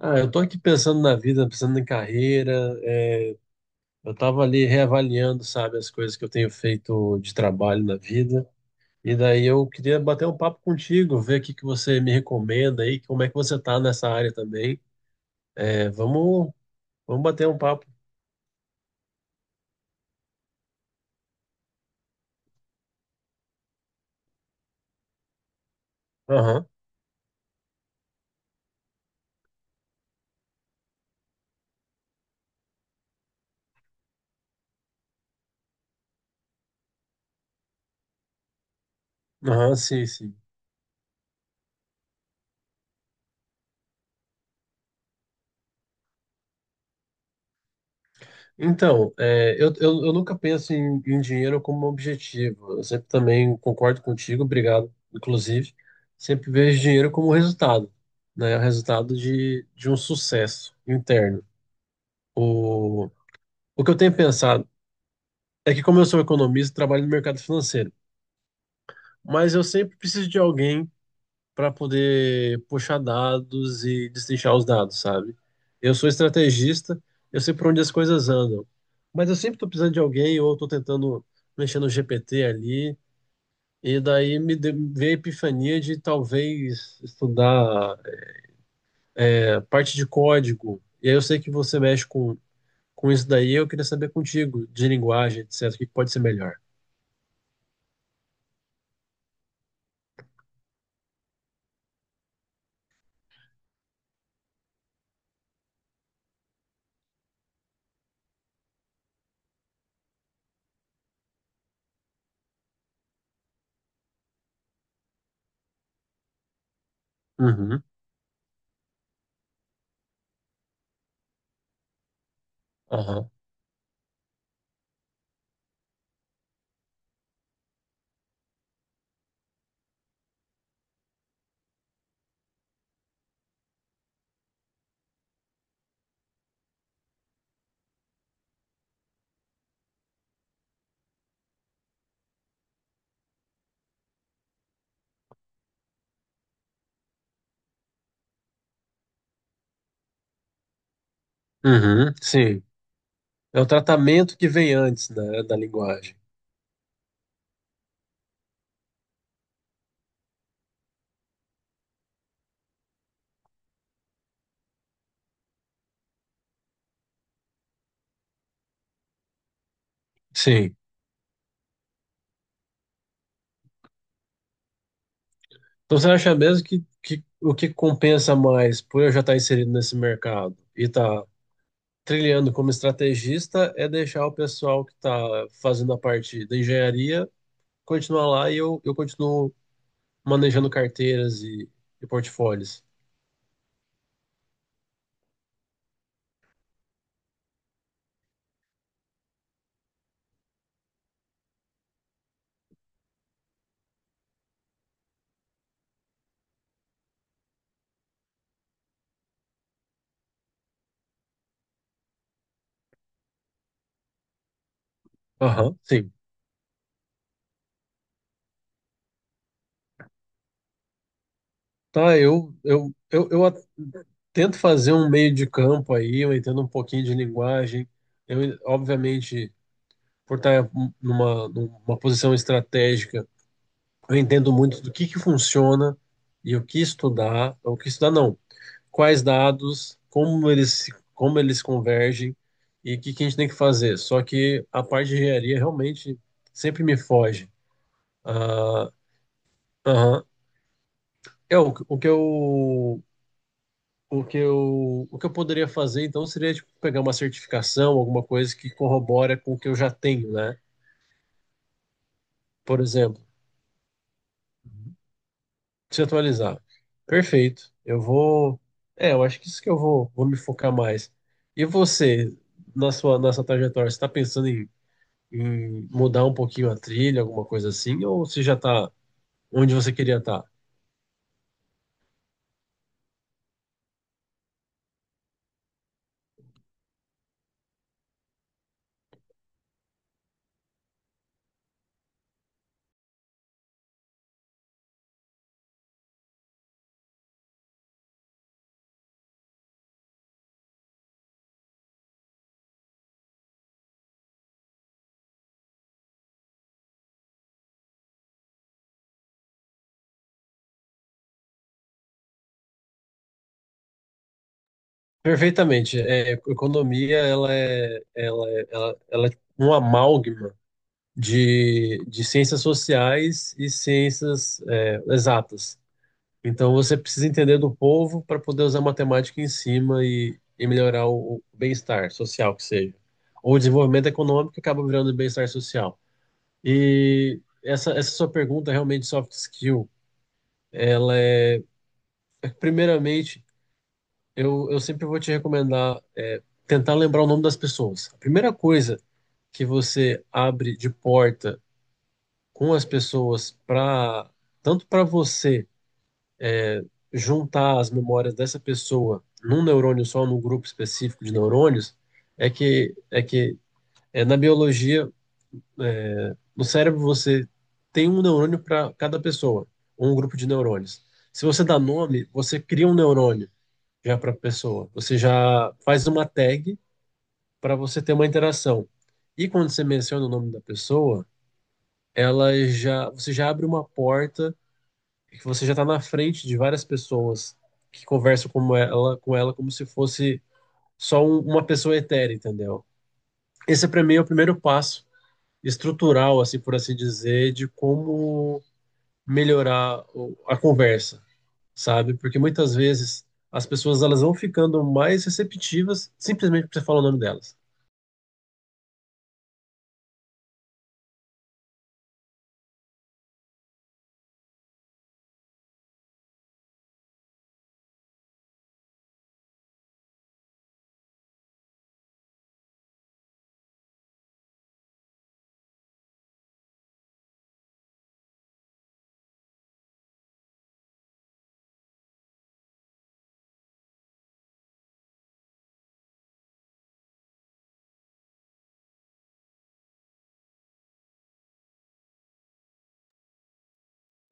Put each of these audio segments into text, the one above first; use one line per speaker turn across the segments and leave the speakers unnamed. Ah, eu tô aqui pensando na vida, pensando em carreira. é, eu tava ali reavaliando, sabe, as coisas que eu tenho feito de trabalho na vida. E daí eu queria bater um papo contigo, ver o que que você me recomenda aí, como é que você tá nessa área também. É, vamos bater um papo. Aham, aham, sim, sim. Então, eu nunca penso em dinheiro como um objetivo. Eu sempre também concordo contigo, obrigado, inclusive. Sempre vejo dinheiro como resultado, né? O resultado de um sucesso interno. O, o que eu tenho pensado é que, como eu sou economista, trabalho no mercado financeiro, mas eu sempre preciso de alguém para poder puxar dados e destrinchar os dados, sabe? Eu sou estrategista, eu sei por onde as coisas andam, mas eu sempre estou precisando de alguém ou estou tentando mexer no GPT ali, e daí veio a epifania de talvez estudar parte de código. E aí eu sei que você mexe com isso daí, eu queria saber contigo, de linguagem, etc., o que pode ser melhor. Uhum, aham, uhum, sim. É o tratamento que vem antes, né, da linguagem. Sim. Então você acha mesmo que o que compensa mais por eu já estar inserido nesse mercado e estar trilhando como estrategista é deixar o pessoal que está fazendo a parte da engenharia continuar lá e eu continuo manejando carteiras e portfólios. Aham, sim. Tá, eu tento fazer um meio de campo aí, eu entendo um pouquinho de linguagem. Eu, obviamente, por estar numa posição estratégica, eu entendo muito do que funciona e o que estudar não, quais dados, como eles se- como eles convergem e o que que a gente tem que fazer. Só que a parte de engenharia realmente sempre me foge. Ah, aham. É o que eu poderia fazer então seria tipo, pegar uma certificação, alguma coisa que corrobora com o que eu já tenho, né? Por exemplo, se atualizar. Perfeito. Eu vou. É, eu acho que isso que eu vou me focar mais. E você, na sua trajetória, você está pensando em mudar um pouquinho a trilha, alguma coisa assim, ou você já está onde você queria estar? Perfeitamente. É, economia, ela é um amálgama de ciências sociais e ciências, é, exatas. Então você precisa entender do povo para poder usar matemática em cima e melhorar o bem-estar social, que seja. Ou o desenvolvimento econômico que acaba virando bem-estar social. E essa sua pergunta, realmente, soft skill, ela é, primeiramente, eu sempre vou te recomendar é, tentar lembrar o nome das pessoas. A primeira coisa que você abre de porta com as pessoas para, tanto para você juntar as memórias dessa pessoa num neurônio só, num grupo específico de neurônios, é que é que é, na biologia, no cérebro você tem um neurônio para cada pessoa, ou um grupo de neurônios. Se você dá nome, você cria um neurônio já para a pessoa. Você já faz uma tag para você ter uma interação. E quando você menciona o nome da pessoa, ela já você já abre uma porta que você já está na frente de várias pessoas que conversam com ela como se fosse uma pessoa etérea, entendeu? Esse para mim é o primeiro passo estrutural, assim por assim dizer, de como melhorar a conversa, sabe? Porque muitas vezes as pessoas elas vão ficando mais receptivas simplesmente porque você fala o nome delas.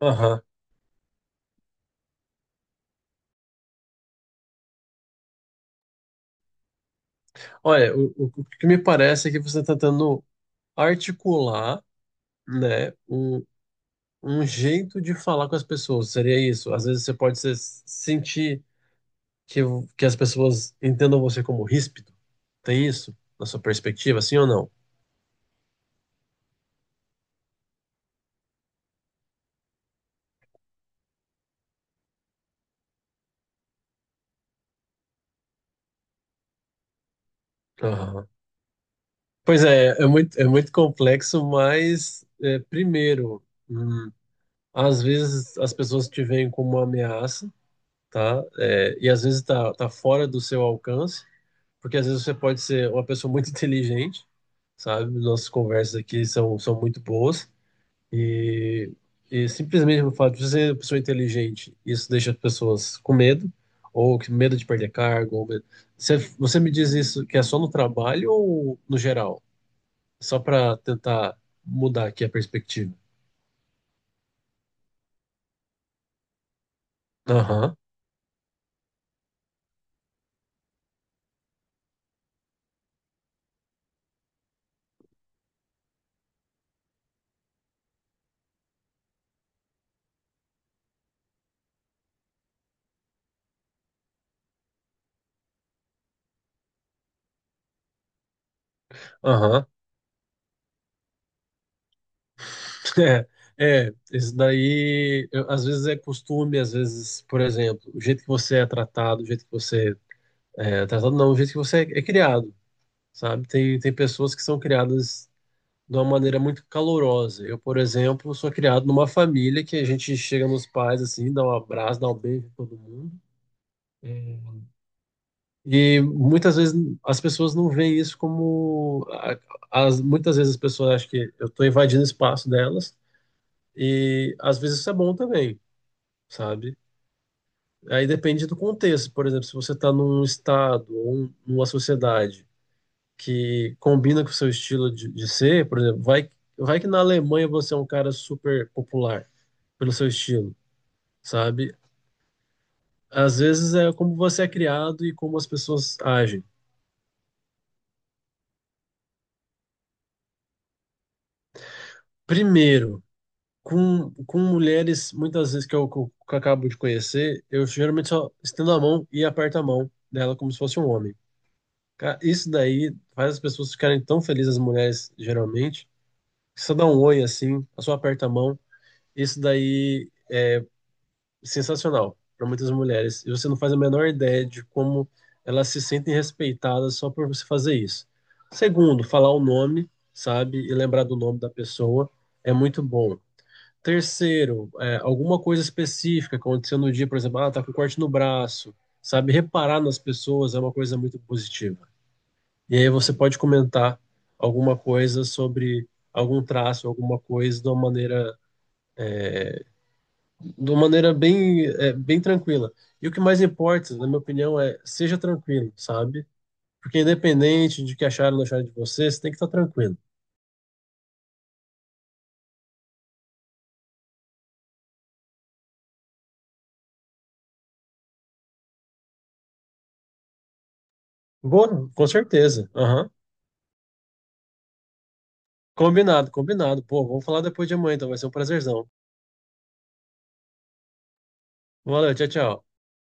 Aham. Olha, o que me parece é que você está tentando articular, né, um jeito de falar com as pessoas. Seria isso. Às vezes você pode se sentir que, que as pessoas entendam você como ríspido. Tem isso na sua perspectiva, sim ou não? Aham. Pois é, é muito complexo, mas é, primeiro, hum, às vezes as pessoas te veem como uma ameaça, tá? É, e às vezes tá fora do seu alcance, porque às vezes você pode ser uma pessoa muito inteligente, sabe? Nossas conversas aqui são muito boas. E, e simplesmente o fato de você ser uma pessoa inteligente, isso deixa as pessoas com medo, ou que medo de perder cargo. Ou medo. Você me diz isso que é só no trabalho ou no geral? Só para tentar mudar aqui a perspectiva. Aham, aham. É, é, às vezes é costume, às vezes, por exemplo, o jeito que você é tratado, o jeito que você é é tratado, não, o jeito que você é, é criado, sabe? Tem pessoas que são criadas de uma maneira muito calorosa. Eu, por exemplo, sou criado numa família que a gente chega nos pais assim, dá um abraço, dá um beijo em todo mundo. É, e muitas vezes as pessoas não veem isso como. As, muitas vezes as pessoas acham que eu estou invadindo o espaço delas, e às vezes isso é bom também, sabe? Aí depende do contexto. Por exemplo, se você está num estado numa sociedade que combina com o seu estilo de ser, por exemplo, vai que na Alemanha você é um cara super popular pelo seu estilo, sabe? Às vezes é como você é criado e como as pessoas agem. Primeiro, com mulheres, muitas vezes que eu acabo de conhecer, eu geralmente só estendo a mão e aperto a mão dela como se fosse um homem. Cara, isso daí faz as pessoas ficarem tão felizes, as mulheres, geralmente. Que Só dá um oi assim, a só aperta a mão. Isso daí sensacional para muitas mulheres. E você não faz a menor ideia de como elas se sentem respeitadas só por você fazer isso. Segundo, falar o nome, sabe? E lembrar do nome da pessoa é muito bom. Terceiro, é, alguma coisa específica aconteceu no dia, por exemplo, ah, tá com corte no braço, sabe? Reparar nas pessoas é uma coisa muito positiva. E aí você pode comentar alguma coisa sobre algum traço, alguma coisa de uma maneira bem, é, bem tranquila. E o que mais importa, na minha opinião, é seja tranquilo, sabe? Porque independente de que acharam ou não acharam de você, você tem que estar tranquilo. Boa, com certeza. Aham. Combinado, combinado. Pô, vamos falar depois de amanhã, então vai ser um prazerzão. Valeu, tchau, tchau.